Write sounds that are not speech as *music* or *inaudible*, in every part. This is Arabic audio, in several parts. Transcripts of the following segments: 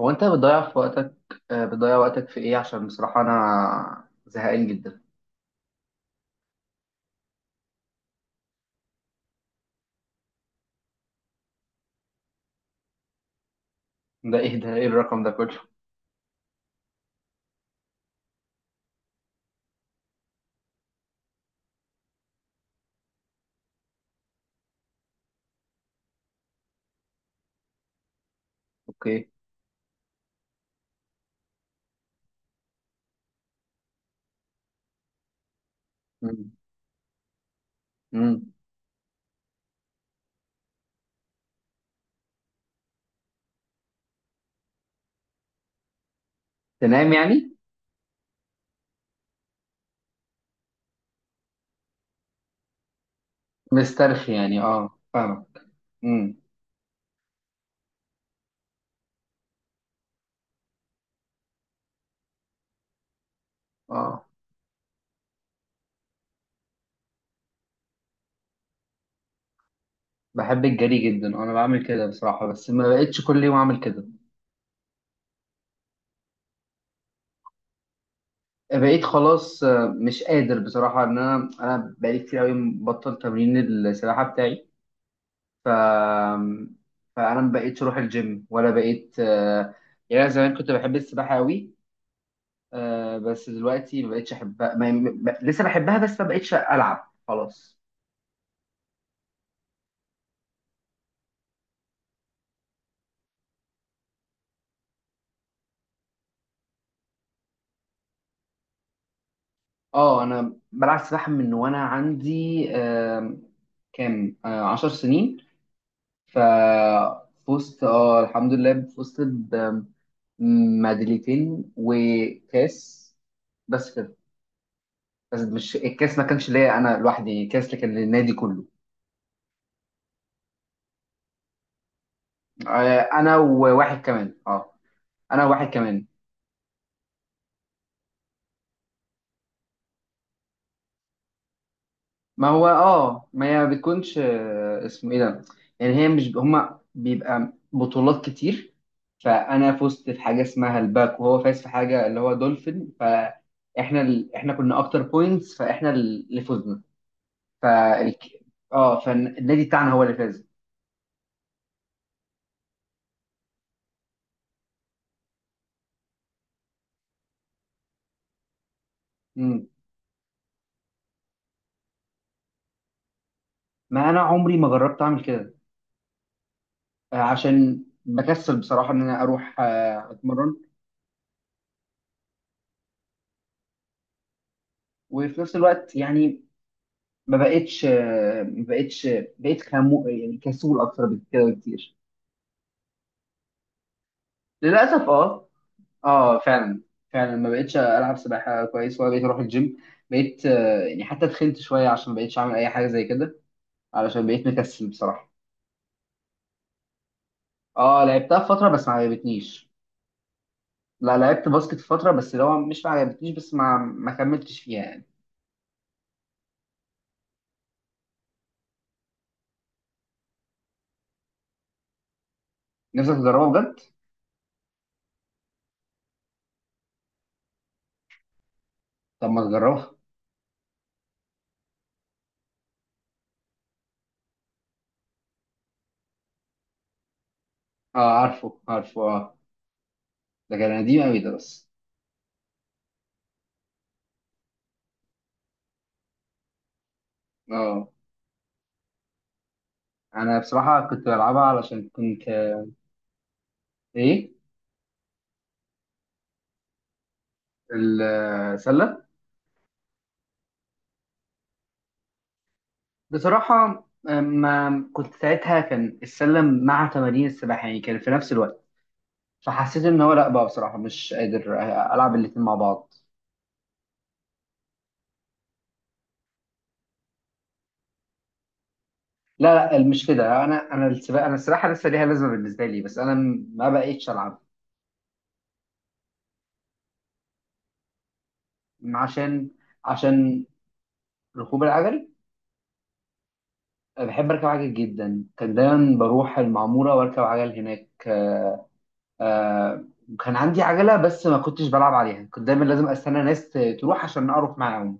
هو انت بتضيع في وقتك؟ بتضيع وقتك في ايه؟ عشان بصراحة انا زهقان جدا. ده ايه الرقم ده كله؟ اوكي. مم. مم. تنام يعني؟ مسترخي يعني، فاهمك. مم. اه، بحب الجري جدا. انا بعمل كده بصراحة، بس ما بقتش كل يوم اعمل كده. بقيت خلاص، مش قادر بصراحة ان انا بقالي كتير قوي مبطل تمرين السباحة بتاعي. ف فانا ما بقيتش اروح الجيم ولا بقيت. يعني انا زمان كنت بحب السباحة قوي. بس دلوقتي ما بقتش احبها، ما... ما... لسه بحبها، بس ما بقتش العب خلاص. اه، انا بلعب سباحه من وانا عندي كام 10 سنين. ف فزت، الحمد لله، فزت بميداليتين وكاس، بس كده. بس مش الكاس، ما كانش ليا انا لوحدي كاس، اللي كان للنادي كله. انا وواحد كمان، اه انا وواحد كمان. ما هو اه ما هي بتكونش اسمه ايه ده؟ يعني هي مش، هما بيبقى بطولات كتير. فانا فزت في حاجه اسمها الباك، وهو فاز في حاجه اللي هو دولفين. فاحنا احنا كنا اكتر بوينتس، فاحنا اللي فزنا. فالك... اه، فالنادي بتاعنا هو اللي فاز. مم. ما انا عمري ما جربت اعمل كده، عشان بكسل بصراحه ان انا اروح اتمرن. وفي نفس الوقت يعني ما بقتش، بقيت خمو، يعني كسول اكتر بكده بكتير. للاسف، اه. اه فعلا، فعلا ما بقتش العب سباحه كويس، ولا بقيت اروح الجيم. بقيت يعني حتى تخنت شويه عشان ما بقيتش اعمل اي حاجه زي كده، علشان بقيت مكسل بصراحه. اه، لعبتها في فتره بس ما عجبتنيش. لا، لعبت باسكت في فتره، بس لو مش ما عجبتنيش، بس ما كملتش فيها يعني. نفسك تجربها بجد؟ طب ما تجربها. اه، عارفه عارفه، اه. ده كان قديم قوي ده، بس. اه. انا بصراحه كنت بلعبها علشان كنت... ايه؟ السله. بصراحه ما كنت ساعتها، كان السله مع تمارين السباحه يعني، كان في نفس الوقت. فحسيت ان هو لا، بقى بصراحه مش قادر العب الاتنين مع بعض. لا لا مش كده، انا السباحه لسه ليها لازمه بالنسبه لي، بس انا ما بقيتش العب. عشان. عشان ركوب العجل. أنا بحب اركب عجل جدا. كان دايما بروح المعموره واركب عجل هناك. آه كان عندي عجلة، بس ما كنتش بلعب عليها. كنت دايما لازم استنى ناس تروح عشان اروح معاهم.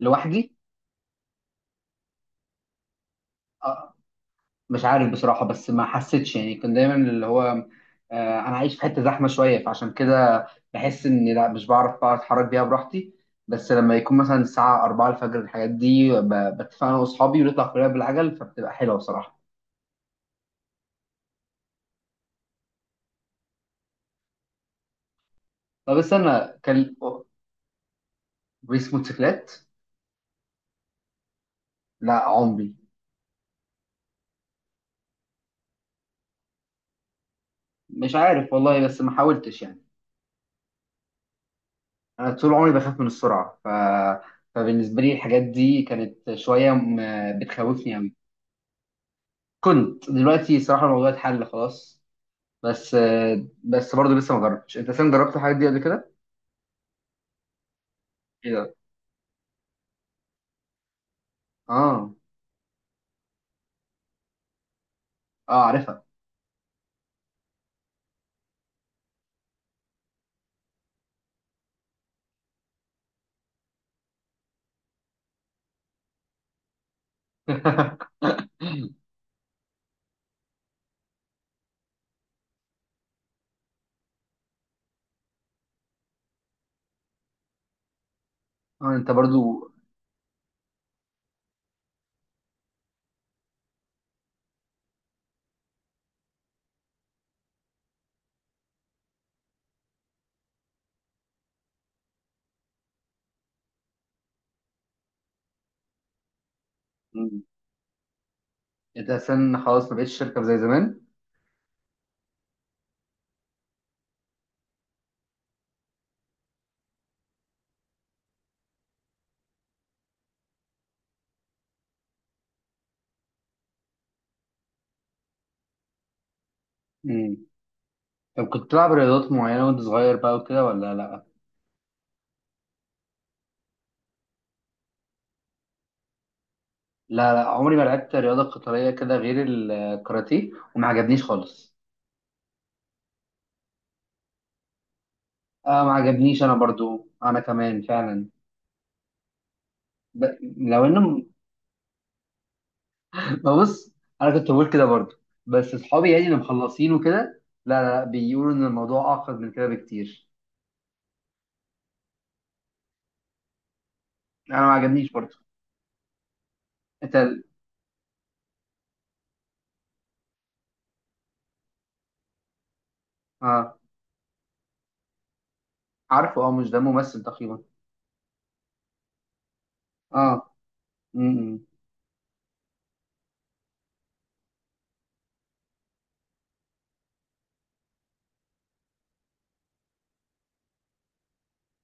لوحدي؟ آه مش عارف بصراحة، بس ما حسيتش يعني. كنت دايما اللي هو انا عايش في حتة زحمة شوية، فعشان كده بحس اني لا، مش بعرف بقى اتحرك بيها براحتي. بس لما يكون مثلا الساعة 4 الفجر، الحاجات دي بتفق انا واصحابي ونطلع كلنا بالعجل، فبتبقى حلوة بصراحة. طب استنى، كان... ريس موتوسيكلات؟ لا، عمري. مش عارف والله، بس ما حاولتش يعني. انا طول عمري بخاف من السرعه. فبالنسبه لي الحاجات دي كانت شويه بتخوفني قوي. كنت دلوقتي صراحه الموضوع اتحل خلاص. بس بس برضه لسه ما جربتش. انت سام، جربت الحاجات دي قبل كده؟ ايه ده؟ اه، اه، عارفها. *laughs* اه، انت برضو. مم. انت اساسا خلاص ما بقتش تركب زي زمان. مم. طب كنت بتلعب رياضات معينه وانت صغير بقى وكده ولا لا؟ لا، لا عمري ما لعبت رياضه قتاليه كده غير الكاراتيه، وما عجبنيش خالص. اه، ما عجبنيش انا برضو، انا كمان فعلا. ب... لو انه... *laughs* ببص. انا كنت بقول كده برضو، بس اصحابي يعني اللي مخلصين وكده، لا لا لا، بيقولوا ان الموضوع اعقد من كده بكتير. انا ما عجبنيش برضو. انت ال- اه، عارفه، اه، مش ده ممثل تقريبا؟ اه. م -م.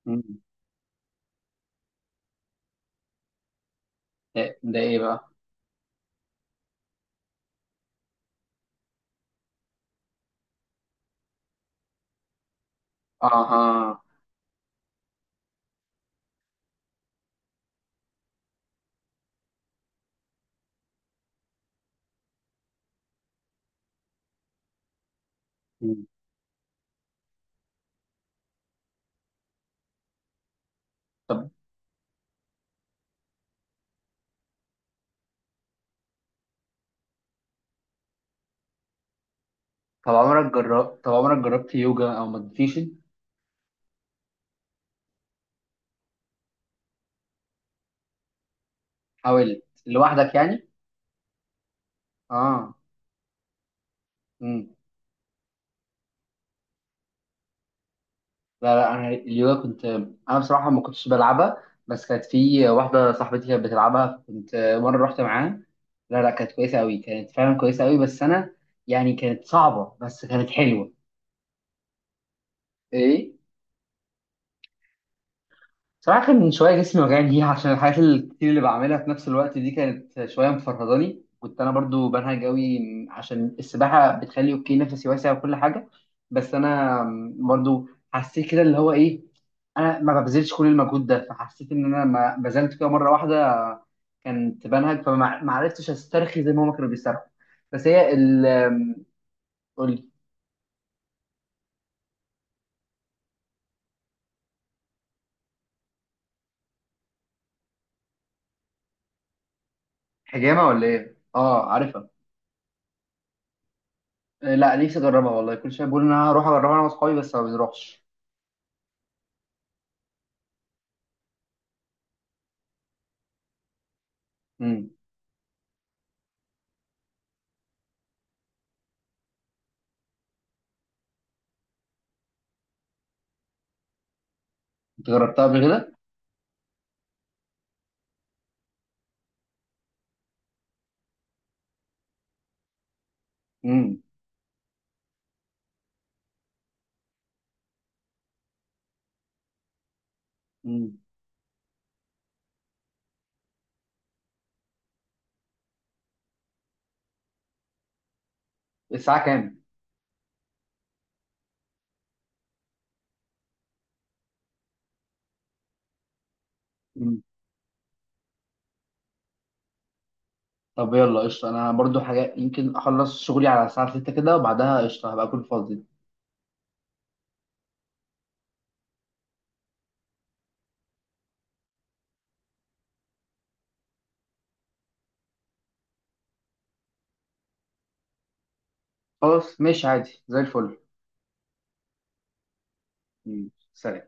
م. ده ده ايه بقى اه اه م. طب طب عمرك جربت يوجا او مديتيشن؟ حاولت لوحدك يعني؟ اه. لا لا، انا اليوجا كنت. انا بصراحه ما كنتش بلعبها، بس كانت في واحده صاحبتي كانت بتلعبها، كنت مره رحت معاها. لا لا، كانت كويسه قوي، كانت فعلا كويسه قوي، بس انا يعني كانت صعبه بس كانت حلوه. ايه؟ صراحة كان من شوية جسمي وجعني ليها عشان الحاجات الكتير اللي بعملها في نفس الوقت دي، كانت شوية مفرهداني. كنت أنا برضو بنهج أوي. عشان السباحة بتخلي أوكي نفسي واسع وكل حاجة. بس أنا برضو حسيت كده اللي هو إيه، أنا ما ببذلش كل المجهود ده. فحسيت إن أنا ما بذلت كده مرة واحدة كانت بنهج. فما ما عرفتش أسترخي زي ما هما كانوا بيسترخوا. بس هي قولي. حجامة ولا إيه؟ آه، عارفها. لا، نفسي أجربها والله، كل شوية بقول إن أنا هروح أجربها أنا وأصحابي بس ما بنروحش. انت جربتها قبل كده؟ امم. امم. الساعة كام؟ مم. طب يلا قشطة، أنا برضو حاجة يمكن أخلص شغلي على الساعة 6 كده، وبعدها قشطة هبقى أكون فاضي. خلاص ماشي عادي زي الفل. مم. سلام.